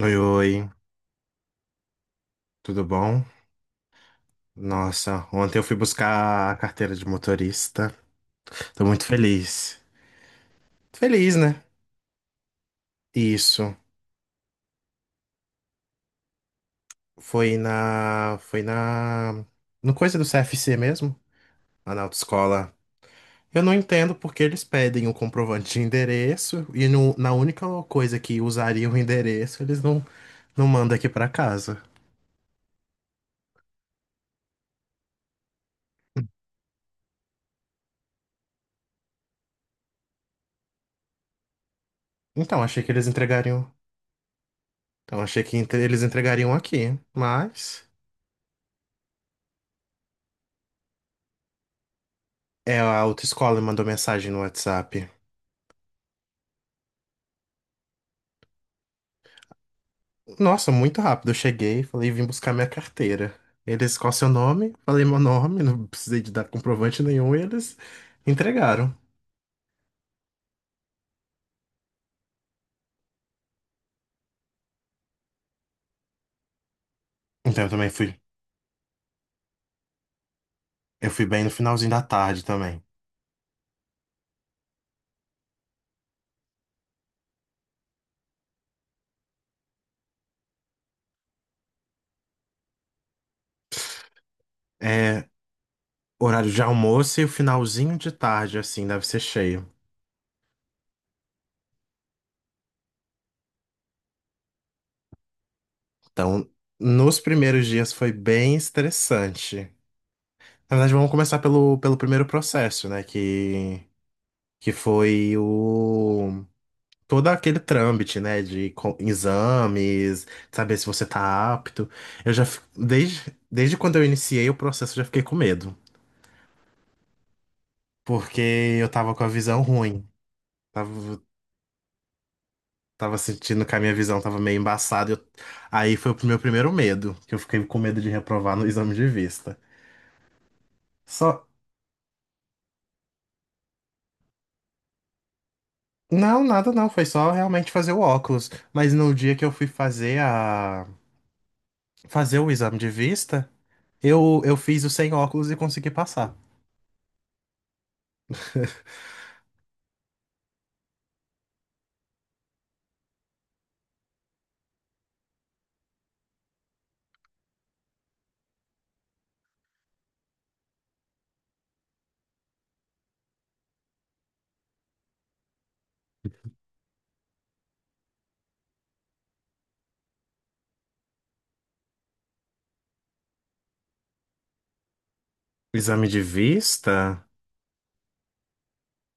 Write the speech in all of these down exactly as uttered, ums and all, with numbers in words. Oi, oi, tudo bom? Nossa, ontem eu fui buscar a carteira de motorista. Tô muito feliz. Feliz, né? Isso. Foi na. Foi na. No coisa do C F C mesmo, lá na autoescola. Eu não entendo porque eles pedem um comprovante de endereço e no- na única coisa que usariam o endereço, eles não, não mandam aqui pra casa. Então, achei que eles entregariam. Então, achei que entre- eles entregariam aqui, mas. É, a autoescola me mandou mensagem no WhatsApp. Nossa, muito rápido. Eu cheguei, falei, vim buscar minha carteira. Eles, qual é o seu nome? Falei meu nome, não precisei de dar comprovante nenhum, e eles entregaram. Então eu também fui. Eu fui bem no finalzinho da tarde também. É horário de almoço e o finalzinho de tarde, assim, deve ser cheio. Então, nos primeiros dias foi bem estressante. Na verdade, vamos começar pelo, pelo primeiro processo, né? Que, que foi o todo aquele trâmite, né, de co- exames, saber se você tá apto. Eu já, fi- desde, desde quando eu iniciei o processo, eu já fiquei com medo, porque eu tava com a visão ruim, tava, tava sentindo que a minha visão tava meio embaçada. eu- aí foi o meu primeiro medo, que eu fiquei com medo de reprovar no exame de vista. Só, não, nada não, foi só realmente fazer o óculos. Mas no dia que eu fui fazer a, fazer o exame de vista, eu, eu fiz o sem óculos e consegui passar. O exame de vista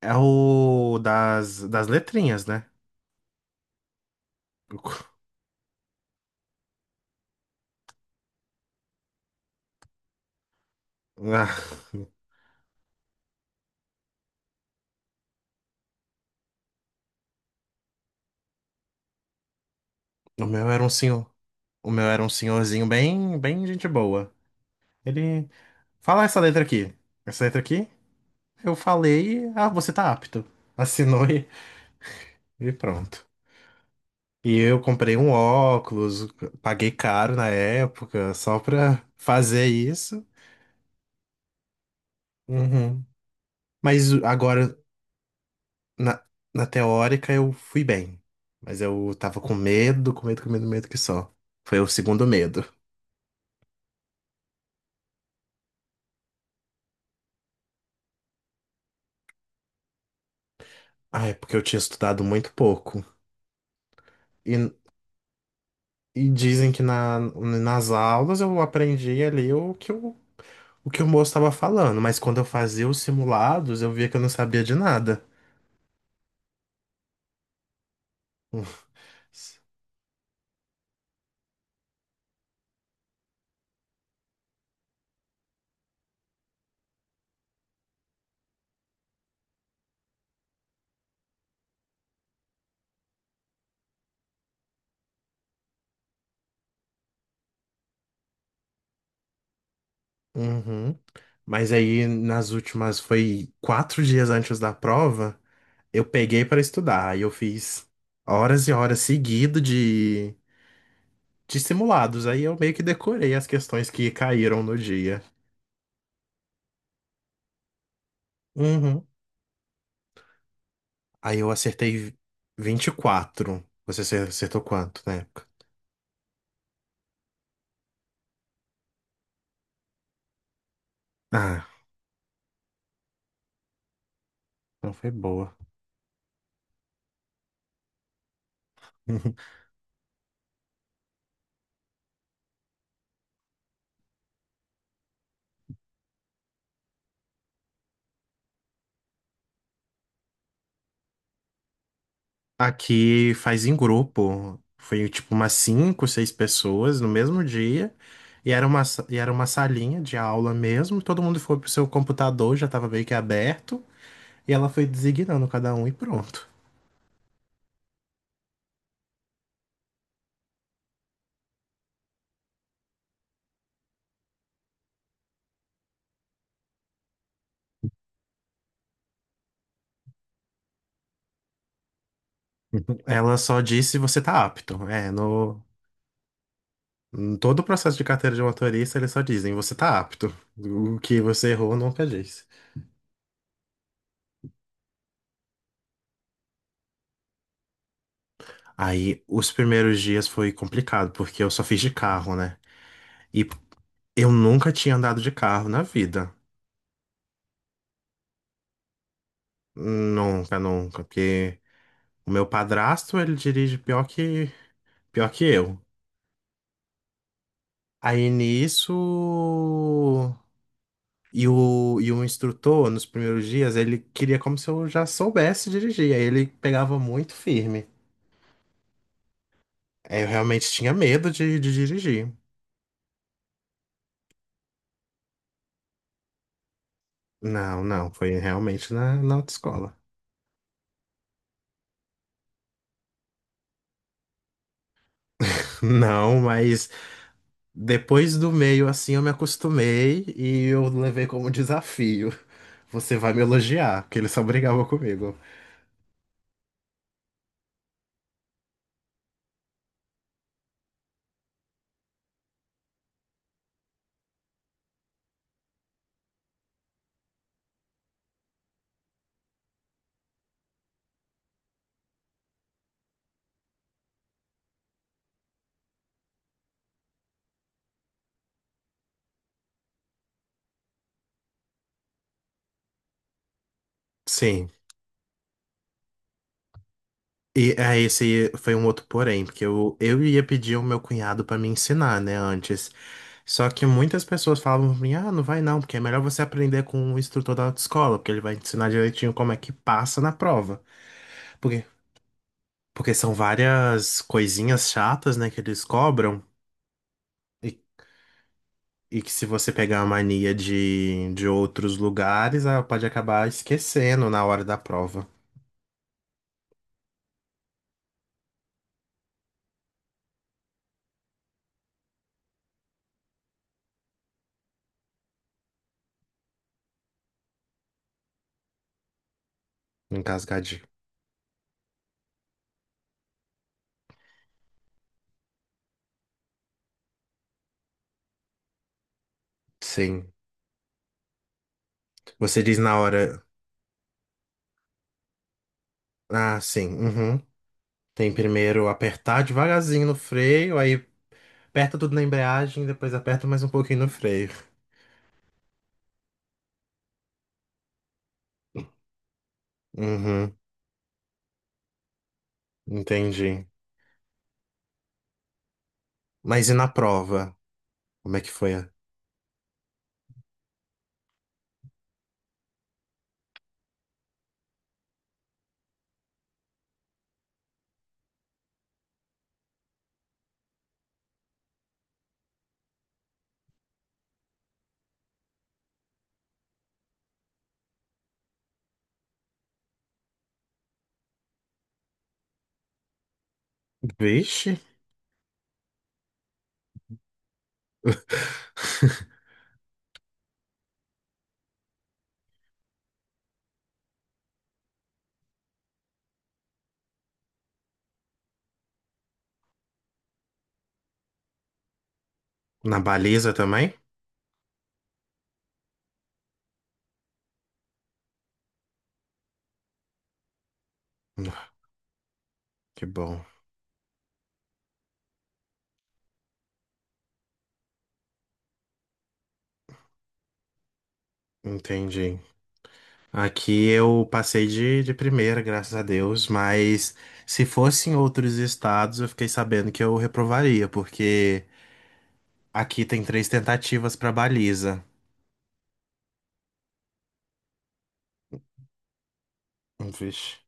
é o das, das letrinhas, né? Ah, o meu era um senhor. O meu era um senhorzinho bem, bem gente boa. Ele. Fala essa letra aqui. Essa letra aqui, eu falei, ah, você tá apto. Assinou e, e pronto. E eu comprei um óculos, paguei caro na época, só pra fazer isso. Uhum. Mas agora, Na, na teórica eu fui bem, mas eu tava com medo, com medo, com medo, medo que só. Foi o segundo medo. Ah, é porque eu tinha estudado muito pouco. E, e dizem que na, nas aulas eu aprendi ali o que o, o que o moço estava falando, mas quando eu fazia os simulados eu via que eu não sabia de nada. Uhum. Mas aí nas últimas, foi quatro dias antes da prova, eu peguei para estudar. Aí eu fiz horas e horas seguido de de simulados. Aí eu meio que decorei as questões que caíram no dia. Uhum. Aí eu acertei vinte e quatro. Você acer- acertou quanto na época? Ah, não foi boa. Aqui faz em grupo. Foi tipo umas cinco, seis pessoas no mesmo dia. E era uma, sa- e era uma salinha de aula mesmo. Todo mundo foi pro seu computador, já tava meio que aberto. E ela foi designando cada um e pronto. Ela só disse você tá apto. É, no, Em todo o processo de carteira de motorista, eles só dizem, você tá apto. O que você errou, nunca diz. Aí, os primeiros dias foi complicado, porque eu só fiz de carro, né? E eu nunca tinha andado de carro na vida. Nunca, nunca. Porque o meu padrasto, ele dirige pior que, pior que eu. Aí, nisso... E o, e o instrutor, nos primeiros dias, ele queria como se eu já soubesse dirigir. Aí ele pegava muito firme. Aí eu realmente tinha medo de de dirigir. Não, não, foi realmente na, na autoescola. Não, mas depois do meio assim eu me acostumei e eu levei como desafio. Você vai me elogiar, porque ele só brigava comigo. Sim. E é, esse foi um outro porém, porque eu, eu ia pedir ao meu cunhado pra me ensinar, né, antes. Só que muitas pessoas falavam pra mim, ah, não vai não, porque é melhor você aprender com o instrutor da autoescola, porque ele vai te ensinar direitinho como é que passa na prova. Porque Porque são várias coisinhas chatas, né, que eles cobram. E, e que se você pegar a mania de, de outros lugares, ah, pode acabar esquecendo na hora da prova. Engasgadinho. Sim. Você diz na hora. Ah, sim. Uhum. Tem primeiro apertar devagarzinho no freio, aí Aperta tudo na embreagem, depois aperta mais um pouquinho no freio. Uhum, entendi. Mas e na prova? Como é que foi? A- Vixe! Na baliza também? Que bom, entendi. Aqui eu passei de, de primeira, graças a Deus, mas se fosse em outros estados, eu fiquei sabendo que eu reprovaria, porque aqui tem três tentativas para baliza. Vixe.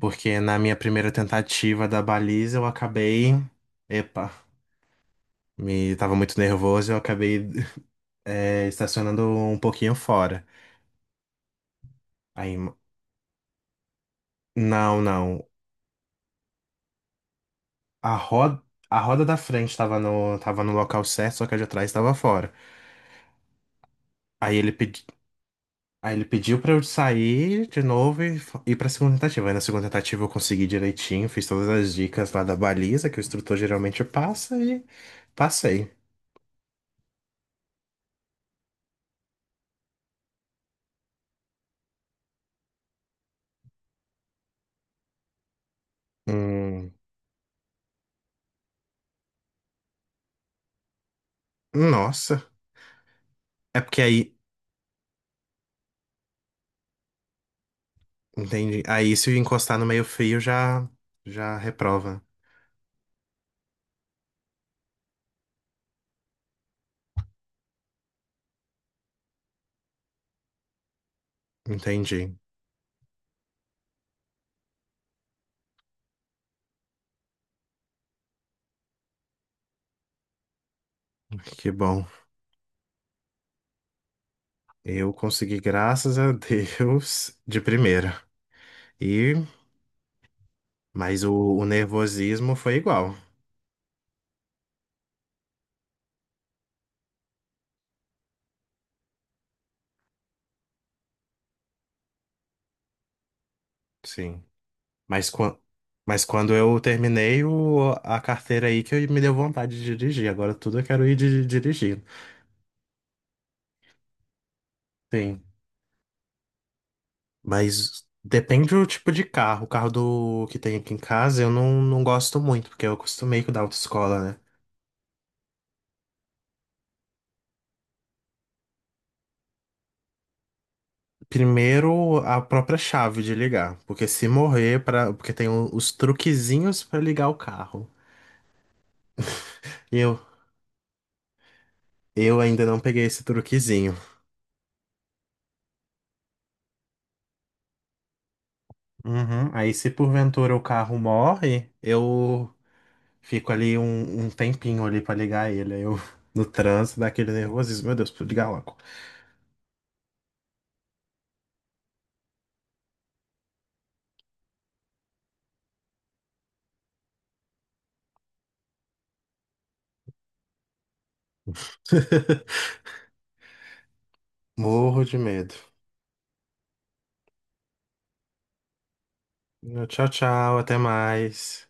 Porque na minha primeira tentativa da baliza eu acabei. Epa! Me tava muito nervoso, eu acabei é, estacionando um pouquinho fora. Aí, não, não. A roda, a roda da frente tava no, tava no local certo, só que a de trás tava fora. Aí ele, pedi, aí ele pediu pra eu sair de novo e f- ir pra segunda tentativa. Aí na segunda tentativa eu consegui direitinho, fiz todas as dicas lá da baliza que o instrutor geralmente passa e passei. Hum, nossa. É porque aí, entendi. Aí se eu encostar no meio fio já, já reprova. Entendi. Que bom. Eu consegui, graças a Deus, de primeira. E, mas o, o nervosismo foi igual, sim. Mas, quan- mas quando eu terminei o, a carteira aí que me deu vontade de dirigir. Agora tudo eu quero ir di- dirigindo. Sim. Mas depende do tipo de carro. O carro do que tem aqui em casa eu não, não gosto muito, porque eu acostumei com o da autoescola, né? Primeiro, a própria chave de ligar. Porque se morrer, pra, porque tem o- os truquezinhos pra ligar o carro. E eu, Eu ainda não peguei esse truquezinho. Uhum. Aí, se porventura o carro morre, eu fico ali um, um tempinho ali pra ligar ele. Aí eu, no trânsito, dá aquele nervosismo. Meu Deus, preciso ligar logo. Morro de medo. Tchau, tchau, até mais.